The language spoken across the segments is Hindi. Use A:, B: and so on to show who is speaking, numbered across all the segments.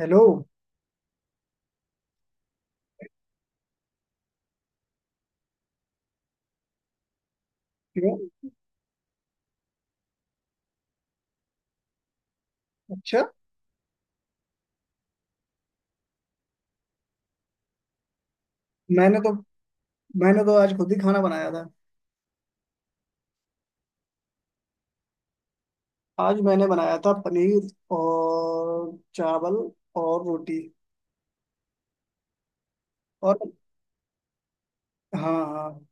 A: हेलो। क्यों? अच्छा। मैंने तो मैंने तो आज खुद ही खाना बनाया था। आज मैंने बनाया था पनीर और चावल और रोटी और। हाँ हाँ,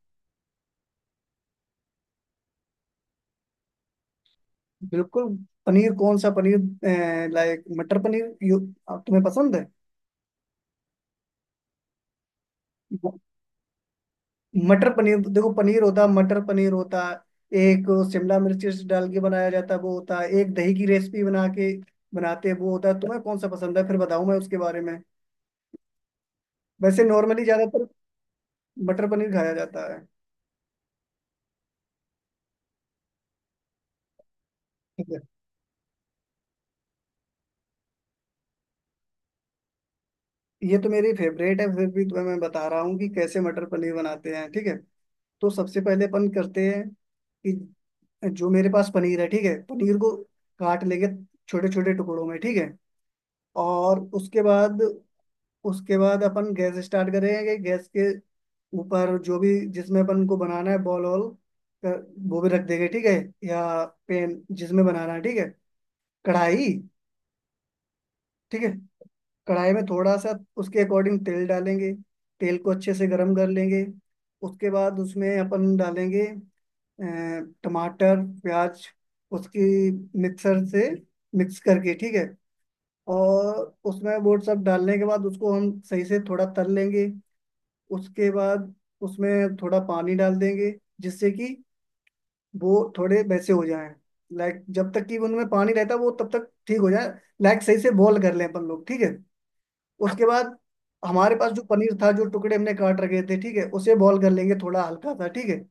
A: बिल्कुल। पनीर, कौन सा पनीर? लाइक मटर पनीर यू तुम्हें पसंद है? म- मटर पनीर देखो, पनीर होता है, मटर पनीर होता है, एक शिमला मिर्च डाल के बनाया जाता है, वो होता है, एक दही की रेसिपी बना के बनाते हैं, वो होता है। तुम्हें कौन सा पसंद है फिर बताऊँ मैं उसके बारे में। वैसे नॉर्मली ज्यादातर मटर पनीर खाया जाता है। ये तो मेरी फेवरेट है, फिर भी तुम्हें मैं बता रहा हूँ कि कैसे मटर पनीर बनाते हैं, ठीक है। तो सबसे पहले अपन करते हैं कि जो मेरे पास पनीर है, ठीक है, पनीर को काट लेंगे छोटे छोटे टुकड़ों में, ठीक है। और उसके बाद अपन गैस स्टार्ट करेंगे, गैस के ऊपर जो भी जिसमें अपन को बनाना है, बॉल वॉल, अ, वो भी रख देंगे, ठीक है। या पेन जिसमें बनाना है, ठीक है, कढ़ाई। ठीक है, कढ़ाई में थोड़ा सा उसके अकॉर्डिंग तेल डालेंगे, तेल को अच्छे से गर्म कर लेंगे। उसके बाद उसमें अपन डालेंगे अ, टमाटर प्याज, उसकी मिक्सर से मिक्स करके, ठीक है। और उसमें वो सब डालने के बाद उसको हम सही से थोड़ा तल लेंगे। उसके बाद उसमें थोड़ा पानी डाल देंगे, जिससे कि वो थोड़े वैसे हो जाएं। लाइक जब तक कि उनमें पानी रहता है वो तब तक ठीक हो जाए, लाइक सही से बॉईल कर लें अपन लोग, ठीक है। उसके बाद हमारे पास जो पनीर था, जो टुकड़े हमने काट रखे थे, ठीक है, उसे बॉईल कर लेंगे थोड़ा हल्का सा, ठीक है।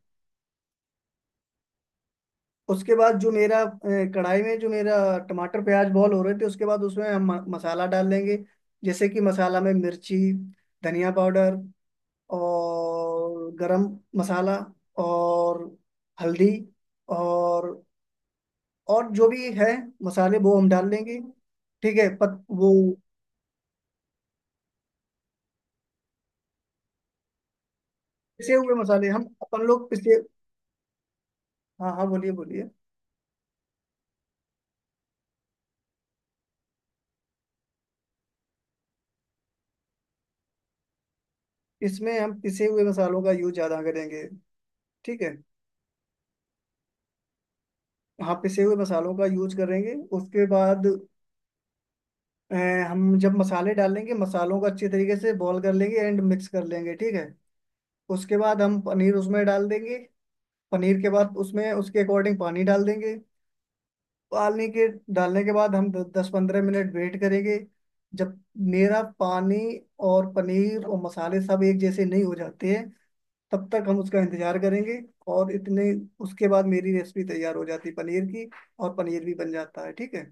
A: उसके बाद जो मेरा कढ़ाई में जो मेरा टमाटर प्याज बॉईल हो रहे थे, उसके बाद उसमें हम मसाला डाल लेंगे। जैसे कि मसाला में मिर्ची, धनिया पाउडर और गरम मसाला और हल्दी और और जो भी है मसाले वो हम डाल लेंगे, ठीक है। पत वो पिसे हुए मसाले, हम अपन लोग पिसे। हाँ हाँ, बोलिए बोलिए। इसमें हम पिसे हुए मसालों का यूज ज्यादा करेंगे, ठीक है। हाँ, पिसे हुए मसालों का यूज करेंगे। उसके बाद अ, हम जब मसाले डालेंगे, मसालों को अच्छे तरीके से बॉईल कर लेंगे एंड मिक्स कर लेंगे, ठीक है। उसके बाद हम पनीर उसमें डाल देंगे। पनीर के बाद उसमें उसके अकॉर्डिंग पानी डाल देंगे। पानी के डालने के बाद हम 10-15 मिनट वेट करेंगे। जब मेरा पानी और पनीर और मसाले सब एक जैसे नहीं हो जाते हैं तब तक हम उसका इंतजार करेंगे। और इतने उसके बाद मेरी रेसिपी तैयार हो जाती है पनीर की, और पनीर भी बन जाता है, ठीक है।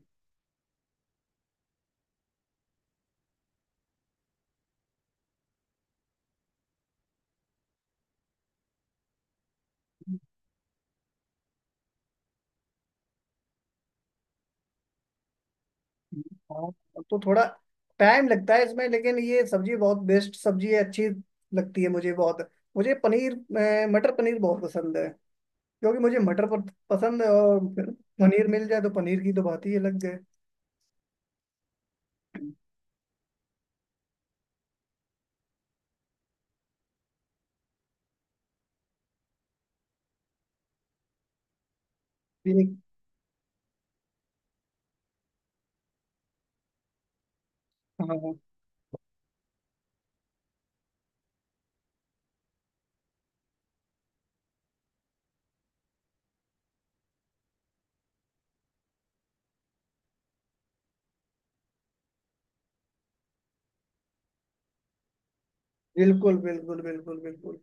A: हाँ, तो थोड़ा टाइम लगता है इसमें, लेकिन ये सब्जी बहुत बेस्ट सब्जी है, अच्छी लगती है मुझे बहुत। मुझे पनीर मटर पनीर बहुत पसंद है, क्योंकि मुझे मटर पसंद है, और फिर पनीर मिल जाए तो पनीर की तो बात ही अलग है। बिल- हाँ हाँ, बिल्कुल बिल्कुल बिल्कुल बिल्कुल।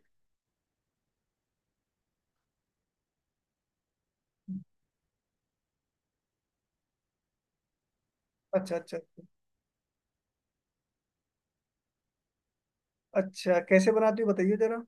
A: अच्छा अच्छा। अच्छा, अच्छा कैसे बनाती हो? बताइए जरा।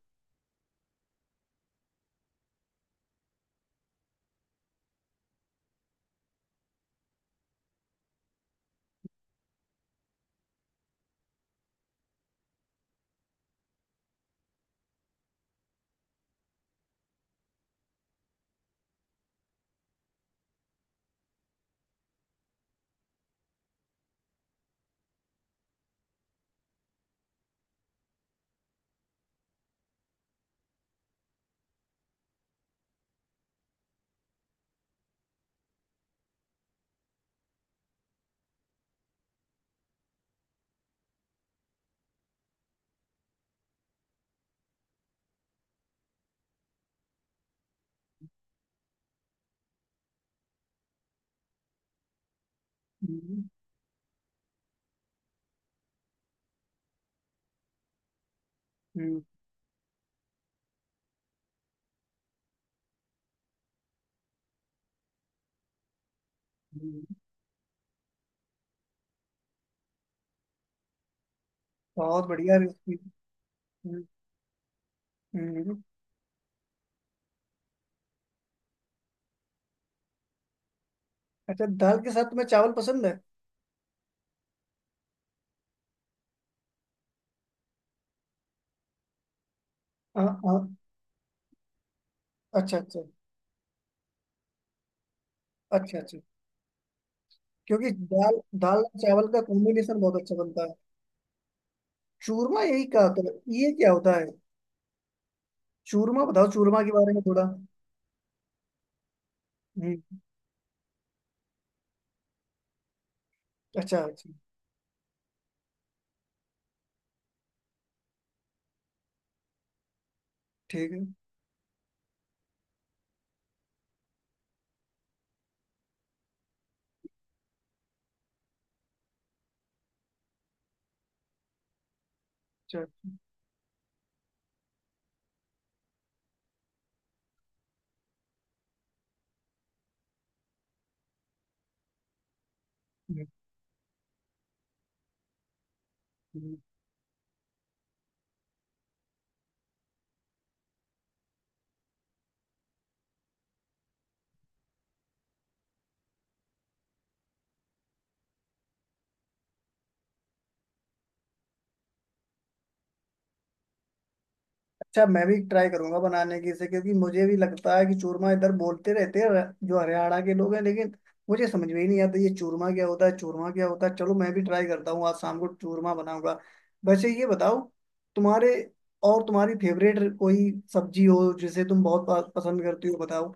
A: हम्म हम्म। हम्म। बहुत बढ़िया रेसिपी। हम्म, हम्म। अच्छा, दाल के साथ तुम्हें चावल पसंद है? हाँ हाँ। अच्छा अच्छा अच्छा। अच्छा, क्योंकि दाल दाल और चावल का कॉम्बिनेशन बहुत अच्छा बनता है। चूरमा, यही कहा था? ये क्या होता है? चूरमा बताओ, चूरमा के बारे में थोड़ा। हम्म। अच्छा अच्छा। ठीक है। अच्छा अच्छा। हम्म, हम्म। अच्छा, मैं भी ट्राई करूंगा बनाने की इसे, क्योंकि मुझे भी लगता है कि चूरमा इधर बोलते रहते हैं, जो हरियाणा के लोग हैं, लेकिन मुझे समझ में ही नहीं आता ये चूरमा क्या होता है, चूरमा क्या होता है। चलो मैं भी ट्राई करता हूँ, आज शाम को चूरमा बनाऊंगा। वैसे ये बताओ, तुम्हारे और तुम्हारी फेवरेट कोई सब्जी हो जिसे तुम बहुत पसंद करती हो, बताओ।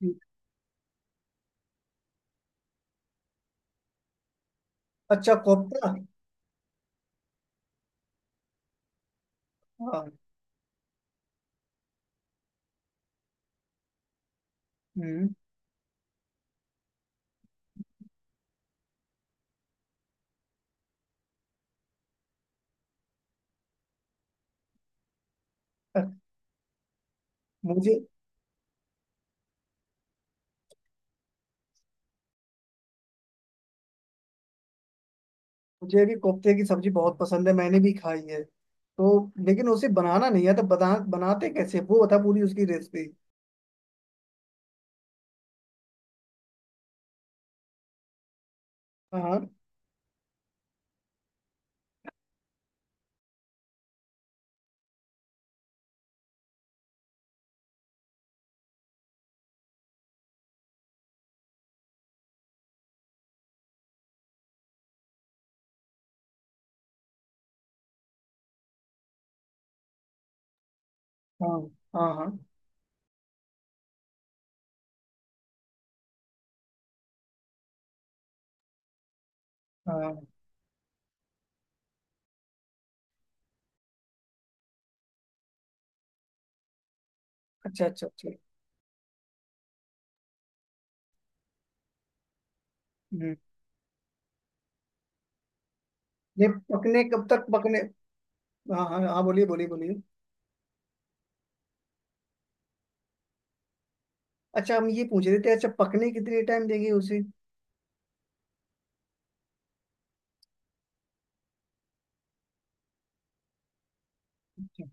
A: अच्छा, कोफ्ता। हाँ। हम्म। मुझे मुझे भी कोफ्ते की सब्जी बहुत पसंद है, मैंने भी खाई है तो। लेकिन उसे बनाना नहीं आता, बनाते कैसे वो बता, पूरी उसकी रेसिपी। हाँ। हाँ हाँ। हाँ हाँ हाँ। अच्छा अच्छा अच्छा। हम्म। ये पकने, कब तक पकने? हाँ हाँ हाँ, बोलिए बोलिए बोलिए। अच्छा, हम ये पूछ रहे थे, अच्छा पकने कितने टाइम देंगे उसे? अच्छा।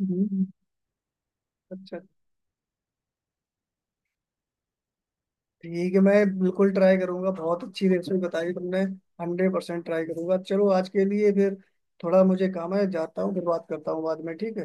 A: हम्म, अच्छा। ठीक है, मैं बिल्कुल ट्राई करूंगा, बहुत अच्छी रेसिपी बताई तुमने। 100% ट्राई करूंगा। चलो आज के लिए फिर, थोड़ा मुझे काम है, जाता हूँ, फिर बात करता हूँ बाद में, ठीक है।